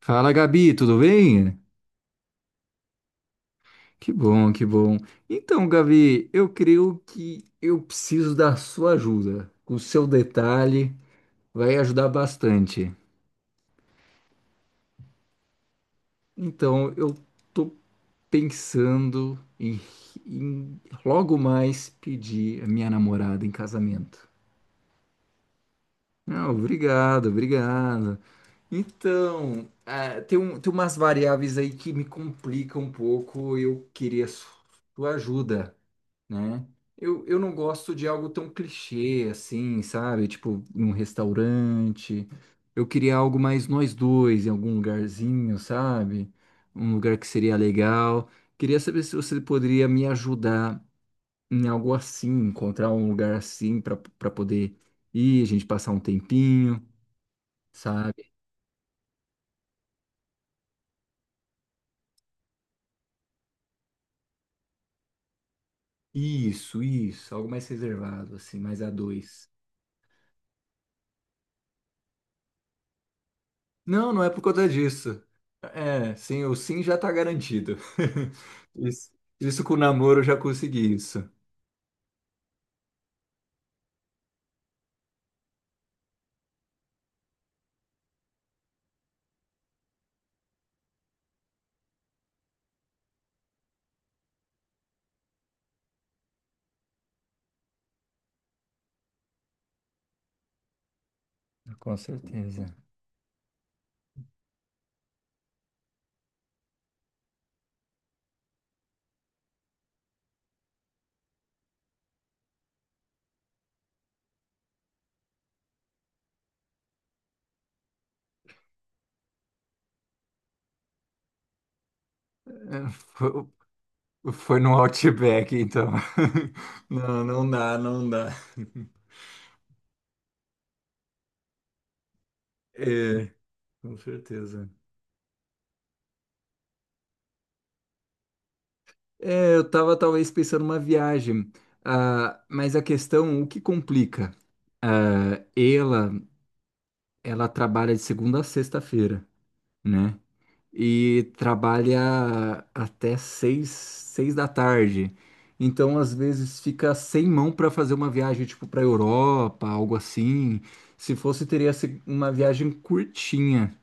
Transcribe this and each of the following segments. Fala, Gabi, tudo bem? Que bom, que bom. Então, Gabi, eu creio que eu preciso da sua ajuda. O seu detalhe vai ajudar bastante. Então, eu tô pensando em logo mais pedir a minha namorada em casamento. Ah, obrigado, obrigado. Então, tem umas variáveis aí que me complicam um pouco. Eu queria sua ajuda, né? Eu não gosto de algo tão clichê assim, sabe? Tipo, num restaurante. Eu queria algo mais nós dois, em algum lugarzinho, sabe? Um lugar que seria legal. Queria saber se você poderia me ajudar em algo assim, encontrar um lugar assim para poder ir, a gente passar um tempinho, sabe? Isso, algo mais reservado, assim, mais a dois. Não, não é por conta disso. É, sim, o sim já tá garantido. Isso, isso com o namoro eu já consegui isso. Com certeza. É, foi no Outback, então. Não, não dá, não dá. É, com certeza. É, eu tava talvez pensando uma viagem, mas a questão, o que complica? Ah, ela trabalha de segunda a sexta-feira, né? E trabalha até seis, 6 da tarde. Então, às vezes, fica sem mão para fazer uma viagem, tipo, para Europa, algo assim. Se fosse, teria sido uma viagem curtinha,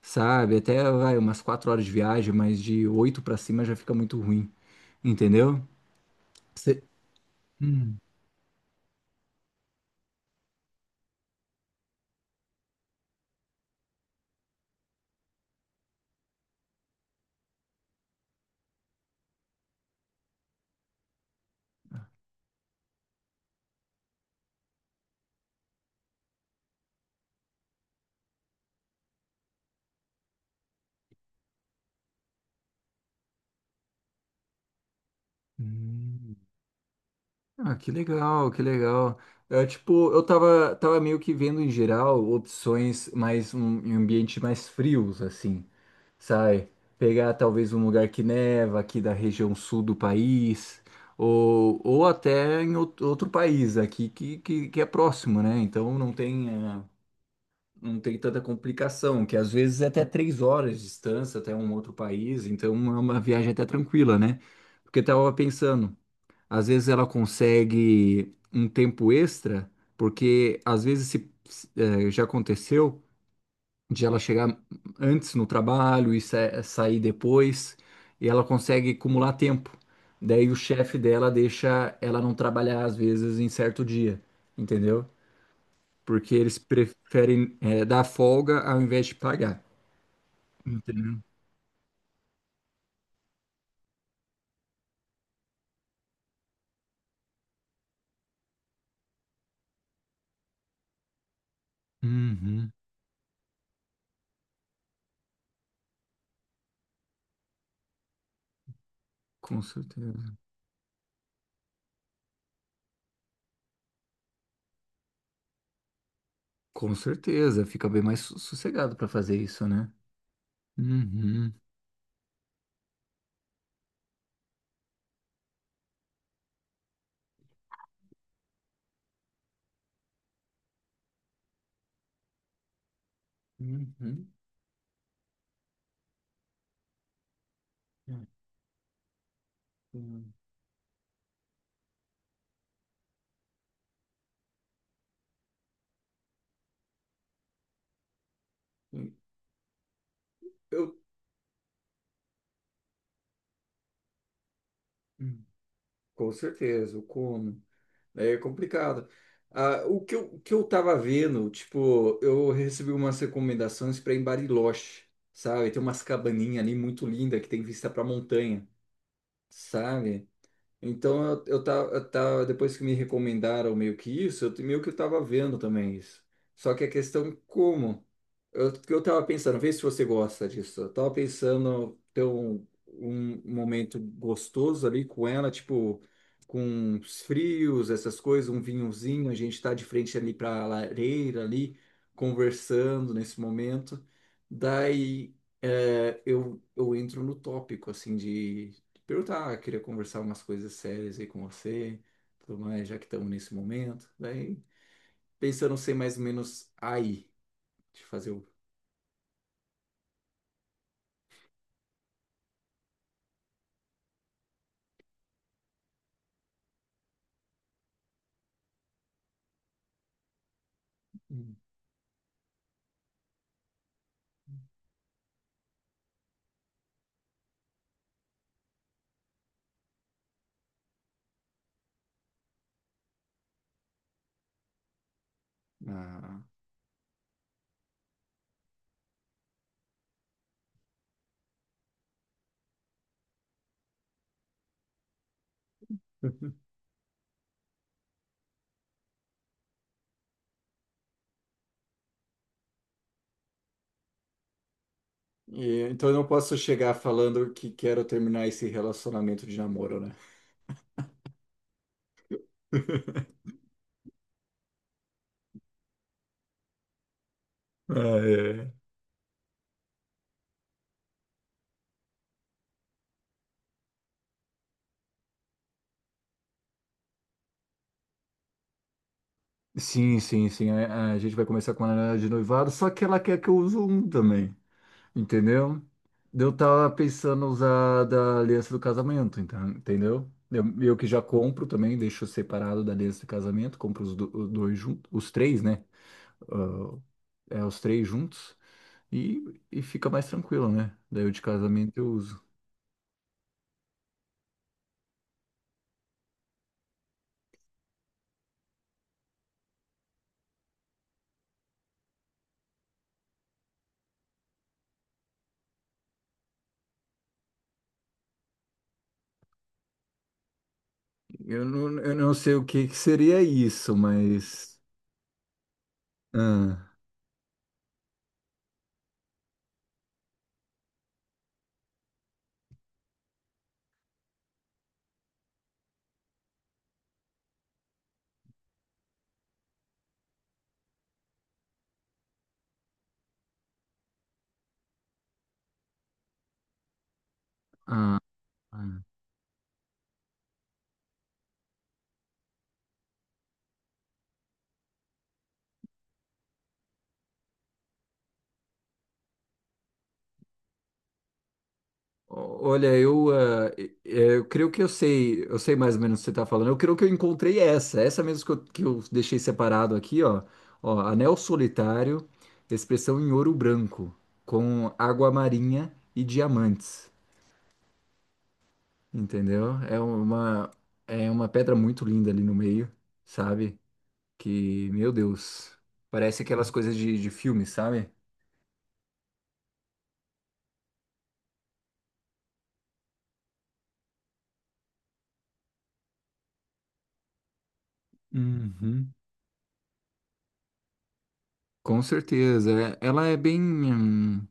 sabe? Até, vai, umas 4 horas de viagem, mas de oito para cima já fica muito ruim, entendeu? Cê- Hum. Hum. Ah, que legal, que legal. É, tipo, eu tava meio que vendo em geral opções mais um, em ambientes mais frios, assim. Sai, pegar talvez um lugar que neva aqui da região sul do país, ou até em outro país aqui que, é próximo, né? Então não tem tanta complicação, que às vezes é até 3 horas de distância até um outro país, então é uma viagem até tranquila, né? Porque eu tava pensando, às vezes ela consegue um tempo extra, porque às vezes já aconteceu de ela chegar antes no trabalho e sair depois, e ela consegue acumular tempo. Daí o chefe dela deixa ela não trabalhar às vezes em certo dia, entendeu? Porque eles preferem dar folga ao invés de pagar. Entendeu? Uhum, com certeza. Com certeza, fica bem mais sossegado para fazer isso, né? Uhum. Uhum. Uhum. Eu. Hum. Com certeza, eu como. É complicado. Ah, o que eu tava vendo, tipo, eu recebi umas recomendações para em Bariloche, sabe? Tem umas cabaninhas ali muito linda que tem vista para montanha, sabe? Então eu tava, depois que me recomendaram meio que isso, meio que eu tava vendo também isso. Só que a questão é como? Que eu tava pensando, vê se você gosta disso. Eu tava pensando ter um momento gostoso ali com ela, tipo, com os frios, essas coisas, um vinhozinho, a gente tá de frente ali pra lareira ali, conversando nesse momento. Daí eu entro no tópico assim de perguntar, queria conversar umas coisas sérias aí com você, tudo mais, já que estamos nesse momento. Daí, pensando ser mais ou menos aí, de fazer o. Ah. E, então eu não posso chegar falando que quero terminar esse relacionamento de namoro, né? Ah, é. Sim, sim, sim. A gente vai começar com a análise de noivado, só que ela quer que eu use um também. Entendeu? Eu tava pensando usar da aliança do casamento, então, entendeu? Eu que já compro também, deixo separado da aliança do casamento, compro os dois juntos, os três, né? É, os três juntos e fica mais tranquilo, né? Daí o de casamento eu uso. Eu não sei o que que seria isso, mas. Ah, ah, ah. Olha, eu creio que eu sei, mais ou menos o que você está falando. Eu creio que eu encontrei essa mesmo que eu deixei separado aqui, ó. Ó, anel solitário, expressão em ouro branco, com água marinha e diamantes, entendeu? É uma pedra muito linda ali no meio, sabe? Que, meu Deus, parece aquelas coisas de filme, sabe? Uhum. Com certeza. Ela é bem,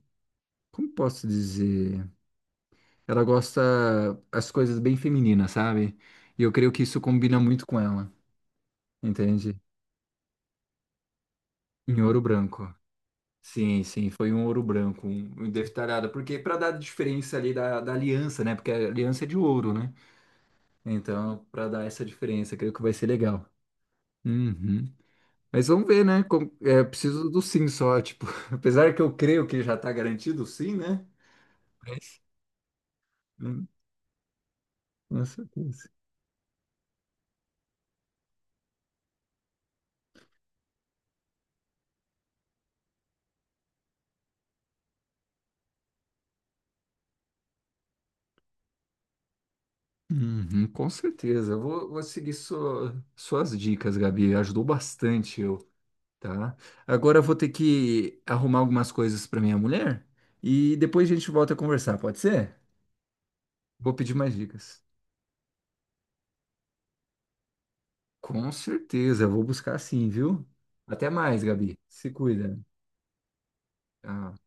como posso dizer? Ela gosta as coisas bem femininas, sabe? E eu creio que isso combina muito com ela, entende? Em ouro branco. Sim, sim, foi um ouro branco, um detalhado, porque para dar a diferença ali da aliança, né? Porque a aliança é de ouro, né? Então, para dar essa diferença, creio que vai ser legal. Uhum. Mas vamos ver, né? É preciso do sim só, tipo, apesar que eu creio que já tá garantido o sim, né? Mas, hum, com certeza. Uhum, com certeza. Eu vou seguir suas dicas, Gabi. Ajudou bastante eu, tá? Agora eu vou ter que arrumar algumas coisas para minha mulher e depois a gente volta a conversar, pode ser? Vou pedir mais dicas. Com certeza, eu vou buscar sim, viu? Até mais, Gabi. Se cuida. Tchau.